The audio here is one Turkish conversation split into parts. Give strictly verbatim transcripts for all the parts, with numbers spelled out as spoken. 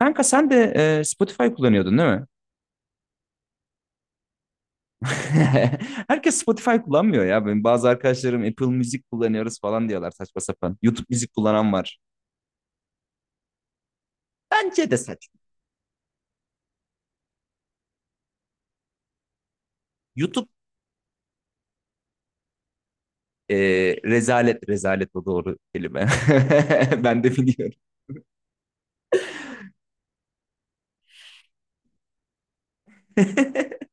Kanka sen de e, Spotify kullanıyordun değil mi? Herkes Spotify kullanmıyor ya. Benim bazı arkadaşlarım Apple Music kullanıyoruz falan diyorlar saçma sapan. YouTube müzik kullanan var. Bence de saçma. YouTube e, rezalet, rezalet o doğru kelime. Ben de biliyorum.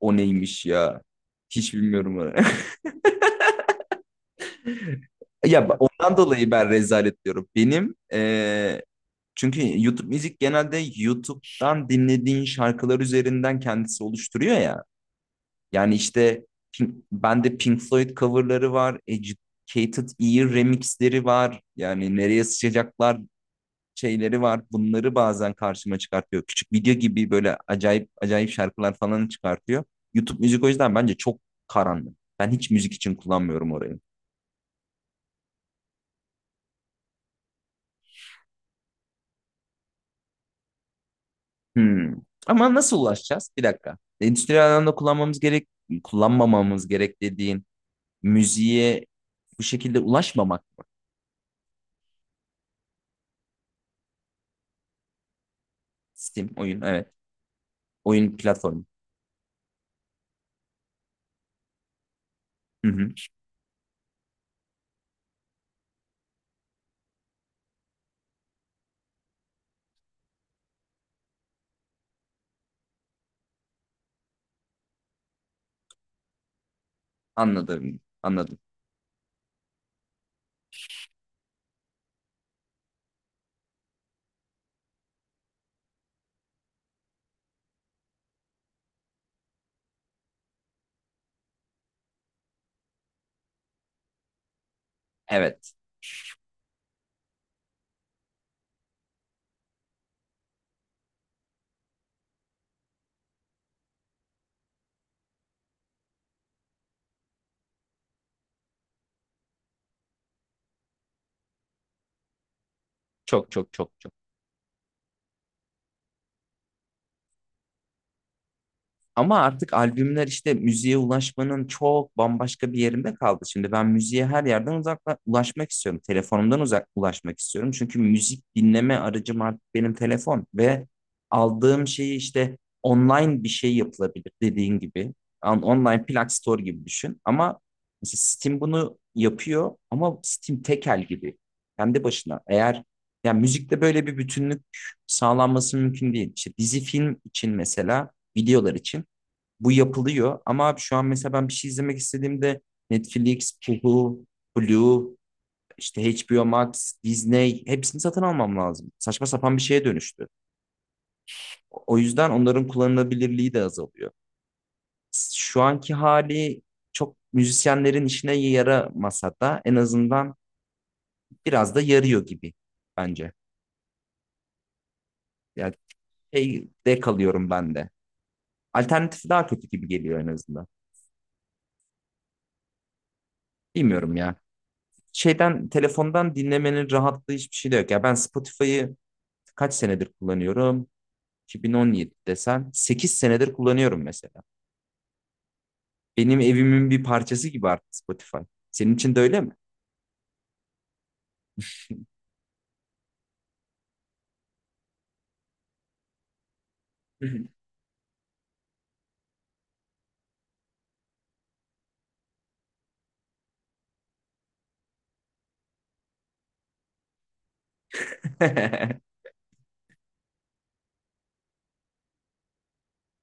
O neymiş ya? Hiç bilmiyorum onu. Ya ben- ondan dolayı ben rezalet diyorum. Benim e, çünkü YouTube müzik genelde YouTube'dan dinlediğin şarkılar üzerinden kendisi oluşturuyor ya. Yani işte Pink, bende Pink Floyd coverları var. Educated Ear remixleri var. Yani nereye sıçacaklar şeyleri var. Bunları bazen karşıma çıkartıyor. Küçük video gibi böyle acayip acayip şarkılar falan çıkartıyor. YouTube müzik o yüzden bence çok karanlık. Ben hiç müzik için kullanmıyorum orayı. Hmm. Ama nasıl ulaşacağız? Bir dakika. Endüstriyel alanda kullanmamız gerek, kullanmamamız gerek dediğin müziğe bu şekilde ulaşmamak mı? Steam oyun, evet. Oyun platformu. Hı hı. Anladım, anladım. Evet. Çok çok çok çok. Ama artık albümler işte müziğe ulaşmanın çok bambaşka bir yerinde kaldı. Şimdi ben müziğe her yerden uzakla ulaşmak istiyorum. Telefonumdan uzak ulaşmak istiyorum. Çünkü müzik dinleme aracım artık benim telefon ve aldığım şeyi işte online bir şey yapılabilir, dediğin gibi. On- Online plak store gibi düşün. Ama mesela Steam bunu yapıyor, ama Steam tekel gibi. Kendi başına. Eğer yani müzikte böyle bir bütünlük sağlanması mümkün değil. İşte dizi film için mesela, videolar için bu yapılıyor. Ama abi şu an mesela ben bir şey izlemek istediğimde Netflix, Hulu, Blue, işte H B O Max, Disney, hepsini satın almam lazım. Saçma sapan bir şeye dönüştü. O yüzden onların kullanılabilirliği de azalıyor. Şu anki hali çok müzisyenlerin işine yaramasa da en azından biraz da yarıyor gibi bence. Yani şeyde kalıyorum ben de. Alternatifi daha kötü gibi geliyor en azından. Bilmiyorum ya. Şeyden, telefondan dinlemenin rahatlığı hiçbir şey de yok. Ya ben Spotify'ı kaç senedir kullanıyorum? iki bin on yedi desen sekiz senedir kullanıyorum mesela. Benim evimin bir parçası gibi artık Spotify. Senin için de öyle mi?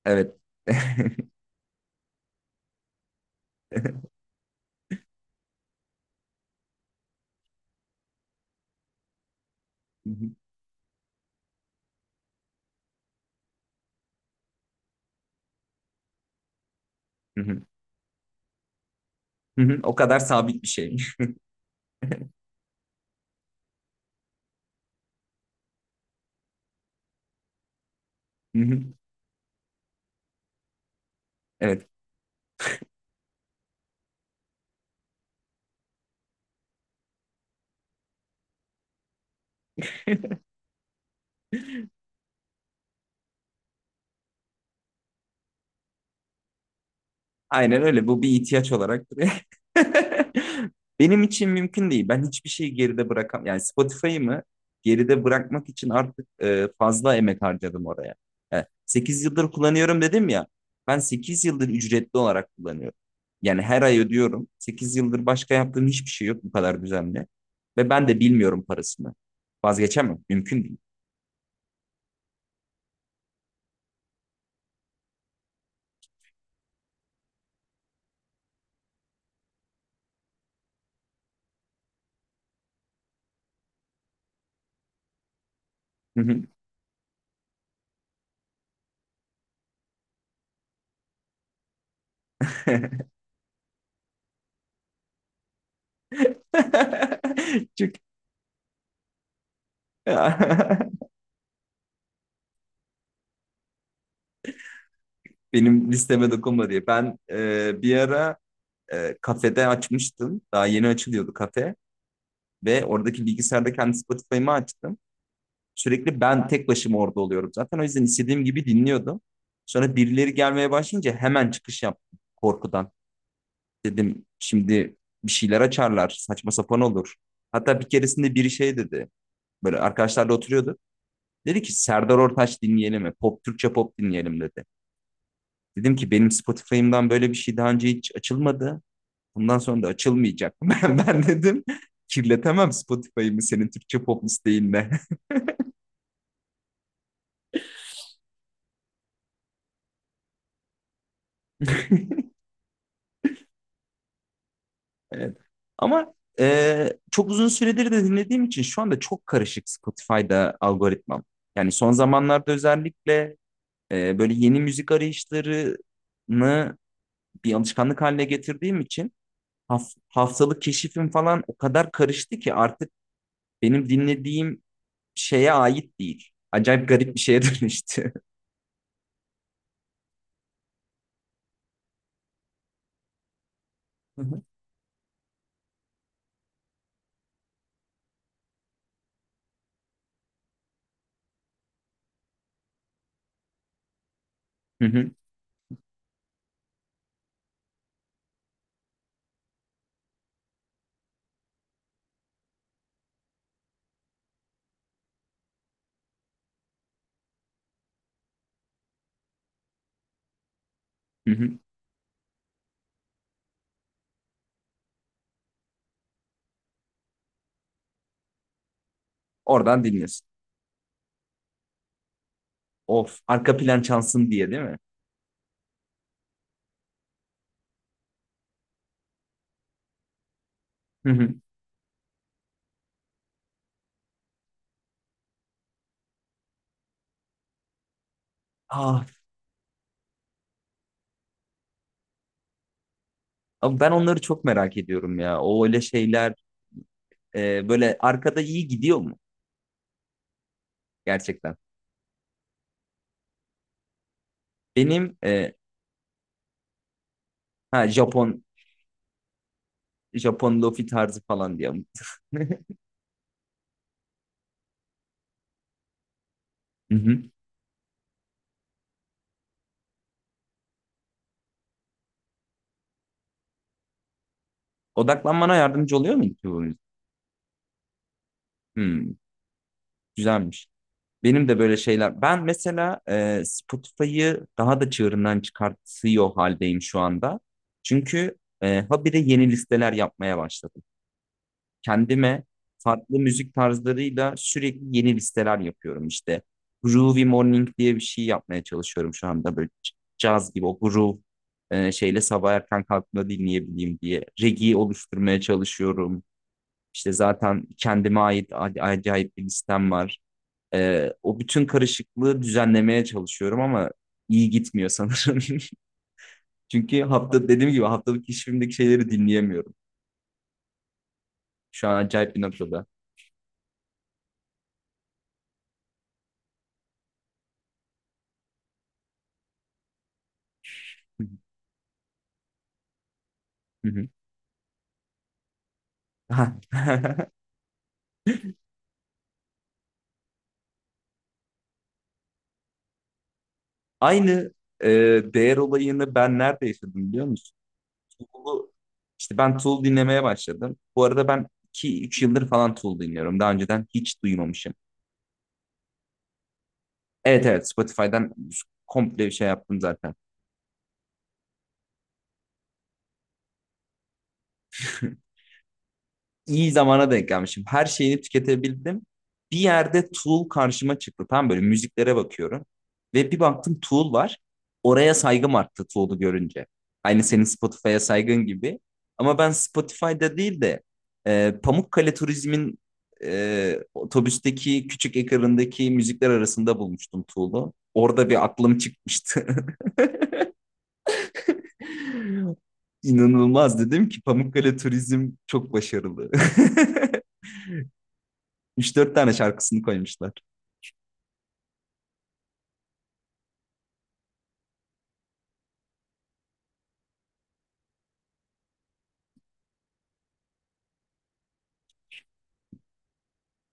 Evet. O kadar sabit bir şey. Evet. Aynen öyle. Bu bir ihtiyaç olarak duruyor. Benim için mümkün değil. Ben hiçbir şeyi geride bırakam. Yani Spotify'ı mı geride bırakmak için artık e, fazla emek harcadım oraya. Yani sekiz yıldır kullanıyorum dedim ya. Ben sekiz yıldır ücretli olarak kullanıyorum. Yani her ay ödüyorum. sekiz yıldır başka yaptığım hiçbir şey yok bu kadar düzenli. Ve ben de bilmiyorum parasını. Vazgeçemem. Mümkün değil. Çok Benim listeme dokunma diye. Ben e, bir ara e, kafede açmıştım. Daha yeni açılıyordu kafe. Ve oradaki bilgisayarda kendi Spotify'ımı açtım. Sürekli ben tek başıma orada oluyorum zaten. O yüzden istediğim gibi dinliyordum. Sonra birileri gelmeye başlayınca hemen çıkış yaptım korkudan. Dedim şimdi bir şeyler açarlar. Saçma sapan olur. Hatta bir keresinde biri şey dedi. Böyle arkadaşlarla oturuyorduk. Dedi ki Serdar Ortaç dinleyelim mi? Pop Türkçe pop dinleyelim dedi. Dedim ki benim Spotify'ımdan böyle bir şey daha önce hiç açılmadı. Bundan sonra da açılmayacak. Ben dedim, kirletemem Spotify'ımı senin Türkçe pop listeyinle. Evet. Ama e, çok uzun süredir de dinlediğim için şu anda çok karışık Spotify'da algoritmam. Yani son zamanlarda özellikle e, böyle yeni müzik arayışlarını bir alışkanlık haline getirdiğim için haf- haftalık keşifim falan o kadar karıştı ki artık benim dinlediğim şeye ait değil. Acayip garip bir şeye dönüştü. Hı hı, hı hı. Oradan dinlesin. Of, arka plan çalsın diye, değil mi? Hı hı. Ah, abi ben onları çok merak ediyorum ya. O öyle şeyler e, böyle arkada iyi gidiyor mu gerçekten? Benim e, ha, Japon Japon lofi tarzı falan diye. Hı hı. Odaklanmana yardımcı oluyor mu ki bu müzik? Hmm, güzelmiş. Benim de böyle şeyler. Ben mesela e, Spotify'ı daha da çığırından çıkartıyor haldeyim şu anda. Çünkü e, habire yeni listeler yapmaya başladım. Kendime farklı müzik tarzlarıyla sürekli yeni listeler yapıyorum işte. Groovy Morning diye bir şey yapmaya çalışıyorum şu anda, böyle c- caz gibi, o groove e, şeyle sabah erken kalktığımda dinleyebileyim diye. Reggae oluşturmaya çalışıyorum. İşte zaten kendime ait a- acayip bir listem var. E, o bütün karışıklığı düzenlemeye çalışıyorum ama iyi gitmiyor sanırım. Çünkü hafta dediğim gibi haftalık işimdeki şeyleri dinleyemiyorum. Şu an acayip bir noktada. Hı hı, hı hı. Aynı e, değer olayını ben nerede yaşadım biliyor musun? Tool'u, işte ben Tool dinlemeye başladım. Bu arada ben iki üç yıldır falan Tool dinliyorum. Daha önceden hiç duymamışım. Evet evet, Spotify'dan komple bir şey yaptım zaten. iyi zamana denk gelmişim. Her şeyini tüketebildim. Bir yerde Tool karşıma çıktı. Tam böyle müziklere bakıyorum. Ve bir baktım Tool var. Oraya saygım arttı Tool'u görünce. Aynı senin Spotify'a saygın gibi. Ama ben Spotify'da değil de e, Pamukkale Turizm'in e, otobüsteki küçük ekranındaki müzikler arasında bulmuştum Tool'u. Orada bir aklım çıkmıştı. İnanılmaz, dedim ki Pamukkale Turizm çok başarılı. Üç dört tane şarkısını koymuşlar.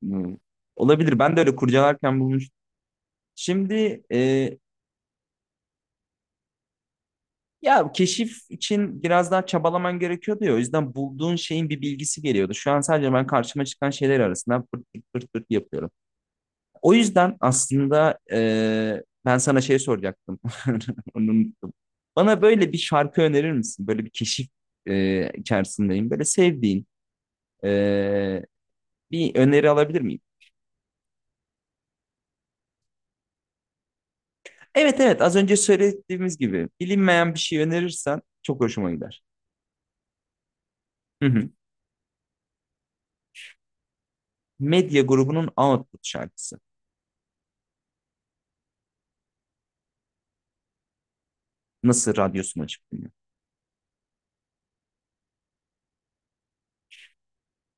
Hmm. Olabilir. Ben de öyle kurcalarken bulmuştum. Şimdi e, ya keşif için biraz daha çabalaman gerekiyordu ya. O yüzden bulduğun şeyin bir bilgisi geliyordu. Şu an sadece ben karşıma çıkan şeyler arasından pırt pırt pırt, pırt yapıyorum. O yüzden aslında e, ben sana şey soracaktım. Onu unuttum. Bana böyle bir şarkı önerir misin? Böyle bir keşif e, içerisindeyim. Böyle sevdiğin e, bir öneri alabilir miyim? Evet evet, az önce söylediğimiz gibi bilinmeyen bir şey önerirsen çok hoşuma gider. Hı hı. Medya grubunun Output şarkısı. Nasıl radyosunu açıp dinliyor?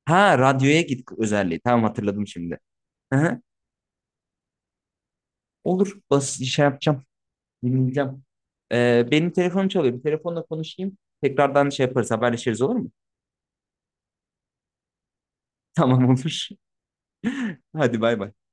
Ha, radyoya git özelliği. Tamam, hatırladım şimdi. Hı hı. Olur, bas şey yapacağım. Dinleyeceğim. Ee, benim telefonum çalıyor. Bir telefonla konuşayım. Tekrardan şey yaparız, haberleşiriz, olur mu? Tamam olur. Hadi bay bay.